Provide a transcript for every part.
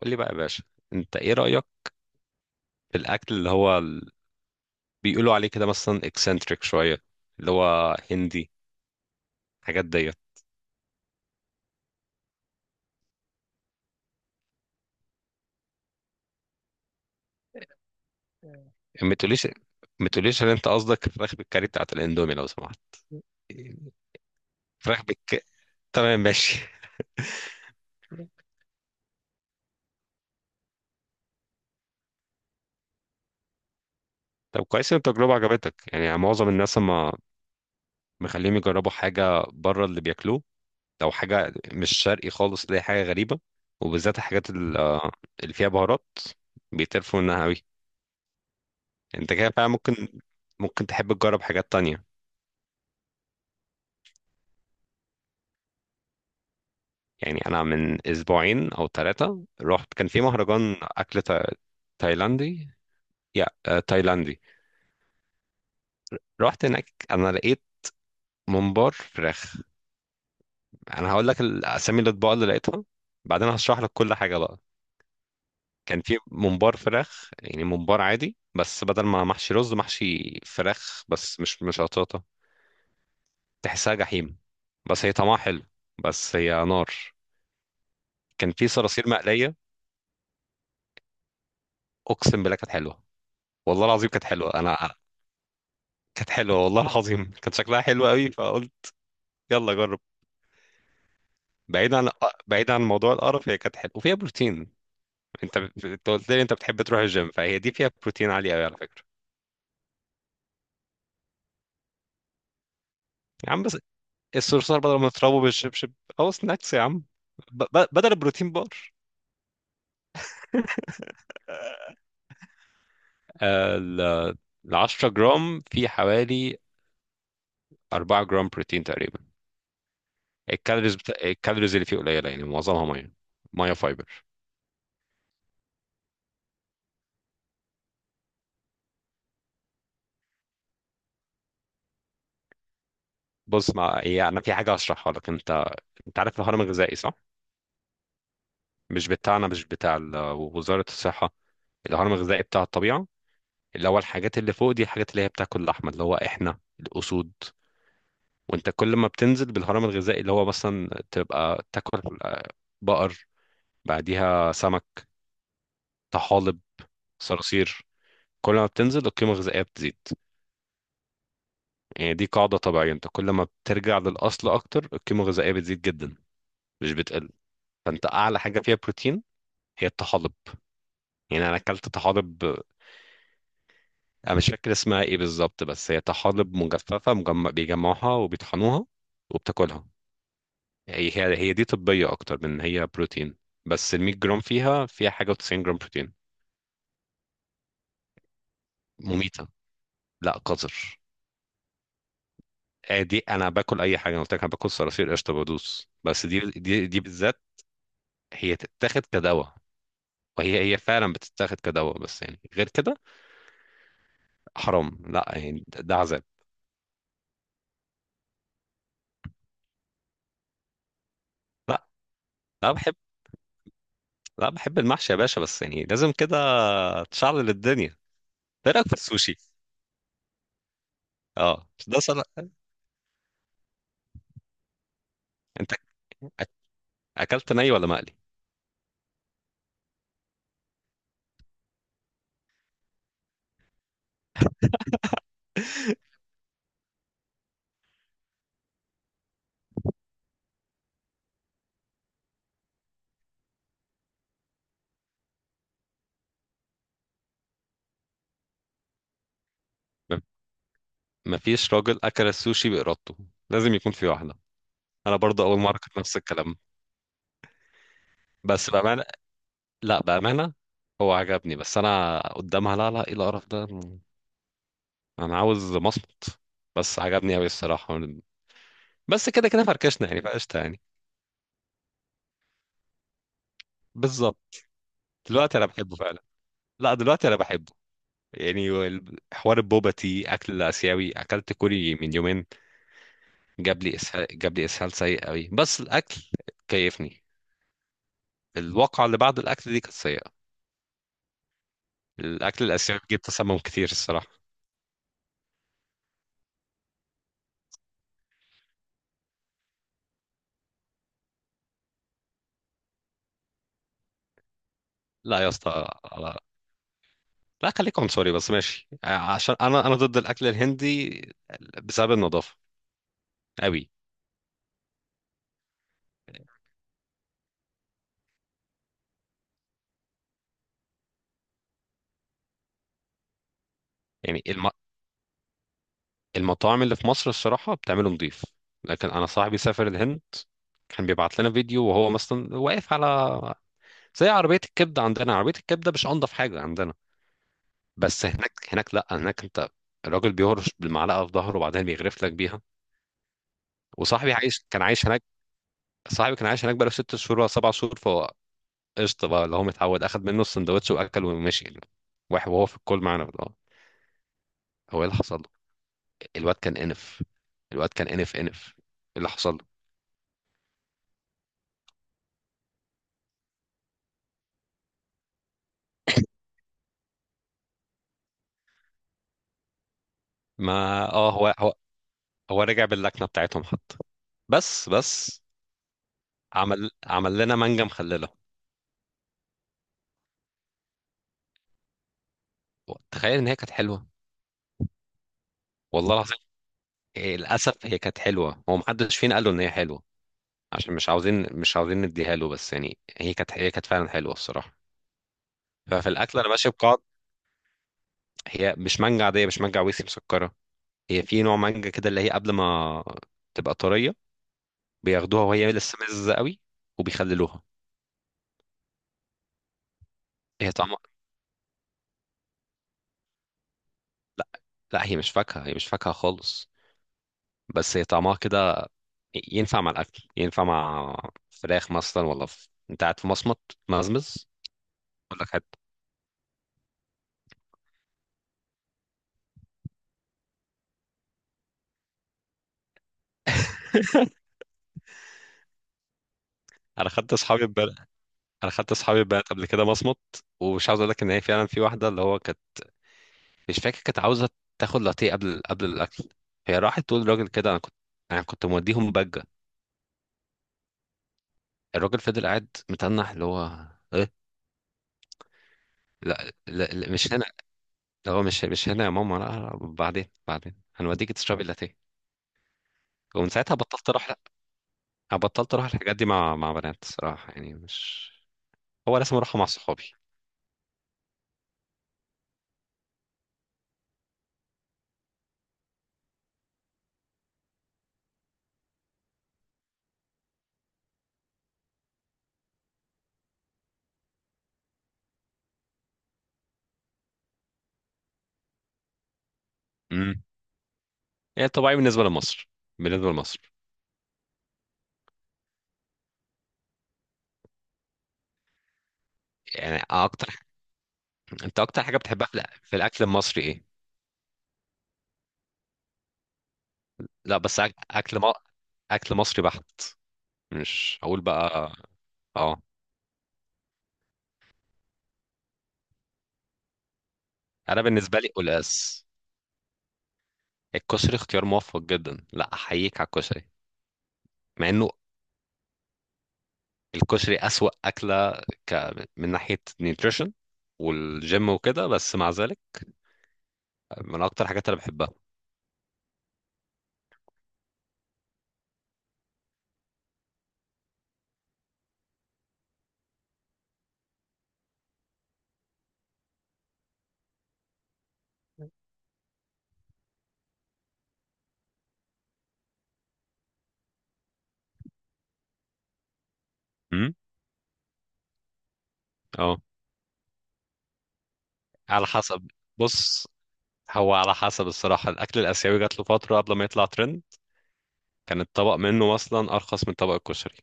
قول لي بقى يا باشا. انت ايه رأيك في الاكل بيقولوا عليه كده مثلا اكسنتريك شوية، اللي هو هندي، حاجات ديت؟ ما تقوليش ما تقوليش ان انت قصدك الفراخ بالكاري بتاعت الاندومي لو سمحت. فراخ بالك تمام ماشي. طب كويس ان التجربة عجبتك. يعني معظم الناس ما مخليهم يجربوا حاجة بره اللي بياكلوه. لو حاجة مش شرقي خالص اللي هي حاجة غريبة، وبالذات الحاجات اللي فيها بهارات بيتقرفوا منها قوي. انت كده فعلا ممكن تحب تجرب حاجات تانية. يعني انا من اسبوعين او ثلاثه رحت، كان في مهرجان اكل تايلاندي، يا آه، تايلاندي. رحت هناك، انا لقيت ممبار فراخ. انا هقول لك الاسامي الاطباق اللي لقيتها، بعدين هشرح لك كل حاجه بقى. كان في ممبار فراخ، يعني ممبار عادي بس بدل ما محشي رز محشي فراخ، بس مش قطاطه، تحسها جحيم، بس هي طعمها حلو، بس هي نار. كان في صراصير مقليه، اقسم بالله كانت حلوه، والله العظيم كانت حلوه. كانت حلوه والله العظيم، كانت شكلها حلو قوي، فقلت يلا جرب. بعيد عن بعيد عن موضوع القرف، هي كانت حلوه وفيها بروتين. انت قلت لي انت بتحب تروح الجيم، فهي دي فيها بروتين عالي قوي على فكره. يا عم بس الصرصار بدل ما تضربه بالشبشب، او سناكس يا عم، بدل البروتين بار. آه، ال ال 10 جرام في حوالي 4 جرام بروتين تقريبا. الكالوريز اللي فيه قليله، يعني معظمها ميه، ميه فايبر. بص، ما يعني انا في حاجه هشرحها لك. انت انت عارف الهرم الغذائي صح؟ مش بتاعنا، مش وزارة الصحة، الهرم الغذائي بتاع الطبيعة. اللي هو الحاجات اللي فوق دي الحاجات اللي هي بتاكل اللحمة، اللي هو احنا الأسود. وانت كل ما بتنزل بالهرم الغذائي اللي هو مثلا تبقى تاكل بقر، بعديها سمك، طحالب، صراصير. كل ما بتنزل القيمة الغذائية بتزيد. يعني دي قاعدة طبيعية، انت كل ما بترجع للأصل أكتر القيمة الغذائية بتزيد جدا، مش بتقل. فانت أعلى حاجة فيها بروتين هي الطحالب. يعني أنا أكلت طحالب، انا مش فاكر اسمها ايه بالظبط، بس هي طحالب مجففه، بيجمعوها وبيطحنوها وبتاكلها. هي دي طبيه اكتر من هي بروتين، بس ال 100 جرام فيها حاجه و90 جرام بروتين. مميته، لا قذر. آه دي انا باكل اي حاجه، انا قلت لك انا باكل صراصير قشطه بدوس، بس دي بالذات هي تتاخد كدواء، وهي فعلا بتتاخد كدواء، بس يعني غير كده حرام. لا يعني ده عذاب. لا لا بحب، لا بحب المحشي يا باشا، بس يعني لازم كده تشعل الدنيا. ده رايك في السوشي؟ اه بس ده صراحة، انت أك- اكلت ني ولا مقلي؟ م- مفيش راجل اكل السوشي بارادته، لازم يكون في واحده. انا برضه اول مره كنت نفس الكلام. بس بامانه، لا بامانه، هو عجبني، بس انا قدامها لا لا ايه القرف ده. انا عاوز مصمت. بس عجبني قوي الصراحه، بس كده كده فركشنا يعني، فقشطه يعني. بالظبط. دلوقتي انا بحبه فعلا، لا دلوقتي انا بحبه. يعني حوار البوبا تي اكل اسيوي، اكلت كوري من يومين، جاب لي اسهال سيء قوي، بس الاكل كيفني. الواقعه اللي بعد الاكل دي كانت سيئه. الاكل الاسيوي بيجيب تسمم كتير الصراحه. لا يا اسطى، لا لا خليك عنصري بس ماشي، عشان انا ضد الاكل الهندي بسبب النظافه قوي. يعني المطاعم اللي في مصر الصراحه بتعمله نظيف، لكن انا صاحبي سافر الهند، كان بيبعت لنا فيديو وهو مثلا واقف على زي عربيه الكبده عندنا، عربيه الكبده مش انضف حاجه عندنا، بس هناك لا هناك انت الراجل بيهرش بالمعلقه في ظهره وبعدين بيغرف لك بيها. وصاحبي عايش، كان عايش هناك. صاحبي كان عايش هناك بقاله ست شهور ولا سبع شهور، فهو قشطه بقى اللي هو متعود، اخد منه السندوتش واكل ومشي يعني. واحد وهو في الكول معانا، اه هو ايه اللي حصل له؟ الواد كان انف، الواد كان انف انف ايه اللي حصل له؟ ما اه، هو هو رجع باللكنه بتاعتهم حتى. بس عمل، لنا مانجا مخلله. تخيل ان هي كانت حلوه والله العظيم. إيه، للاسف هي كانت حلوه، هو محدش فينا قال له ان هي حلوه عشان مش عاوزين نديها له، بس يعني هي كانت فعلا حلوه الصراحه. ففي الاكل انا ماشي بقاعد. هي مش مانجا عاديه، مش مانجا عويسي مسكره. هي في نوع مانجا كده اللي هي قبل ما تبقى طريه، بياخدوها وهي لسه مزه قوي وبيخللوها. هي طعمها، لا لا هي مش فاكهه، هي مش فاكهه خالص، بس هي طعمها كده. ينفع مع الاكل، ينفع مع فراخ مثلا، ولا انت قاعد في مصمت مزمز، اقول لك حتى. انا خدت اصحابي ببل... انا خدت اصحابي ببلد قبل كده مصمت، ومش عاوز اقول لك ان هي فعلا في واحده اللي هو كانت، مش فاكر، كانت عاوزه تاخد لاتيه قبل الاكل. هي راحت تقول للراجل كده، انا كنت، انا كنت موديهم بجه. الراجل فضل قاعد متنح، اللي هو ايه، لا مش هنا. اللي هو مش هنا يا ماما، لا, لا بعدين، هنوديكي تشربي لاتيه. ومن ساعتها بطلت اروح، لا. أنا بطلت اروح الحاجات دي مع بنات صراحه، يعني مش، هو لازم اروحها مع صحابي. امم، هي طبيعي بالنسبه لمصر، بالنسبه لمصر. يعني اكتر، انت اكتر حاجه بتحبها في في الاكل المصري ايه؟ لا بس اكل اكل مصري بحت، مش هقول بقى. اه، انا بالنسبه لي قلقاس. الكشري اختيار موفق جدا، لا احييك على الكشري. مع انه الكشري اسوأ اكله، ك... من ناحيه نيوتريشن والجيم وكده، بس مع ذلك من اكتر حاجات انا بحبها. امم، اه على حسب. بص، هو على حسب الصراحه، الاكل الاسيوي جات له فتره قبل ما يطلع ترند، كان الطبق منه اصلا ارخص من طبق الكشري،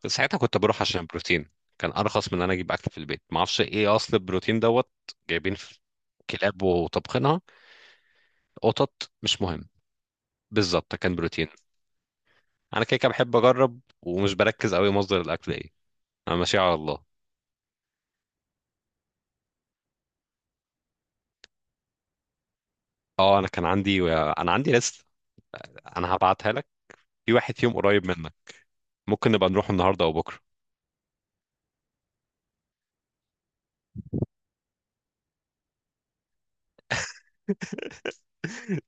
فساعتها كنت بروح عشان بروتين. كان ارخص من ان انا اجيب اكل في البيت، ما اعرفش ايه اصل البروتين دوت، جايبين في كلاب وطبخينها، قطط مش مهم. بالظبط، كان بروتين. انا كده كده بحب اجرب ومش بركز قوي مصدر الاكل ايه، انا ماشي على الله. اه، انا عندي ليست، انا هبعتها لك. في واحد فيهم قريب منك، ممكن نبقى نروح النهارده او بكره.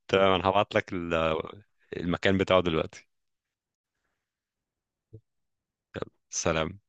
تمام، انا هبعت لك المكان بتاعه دلوقتي. سلام.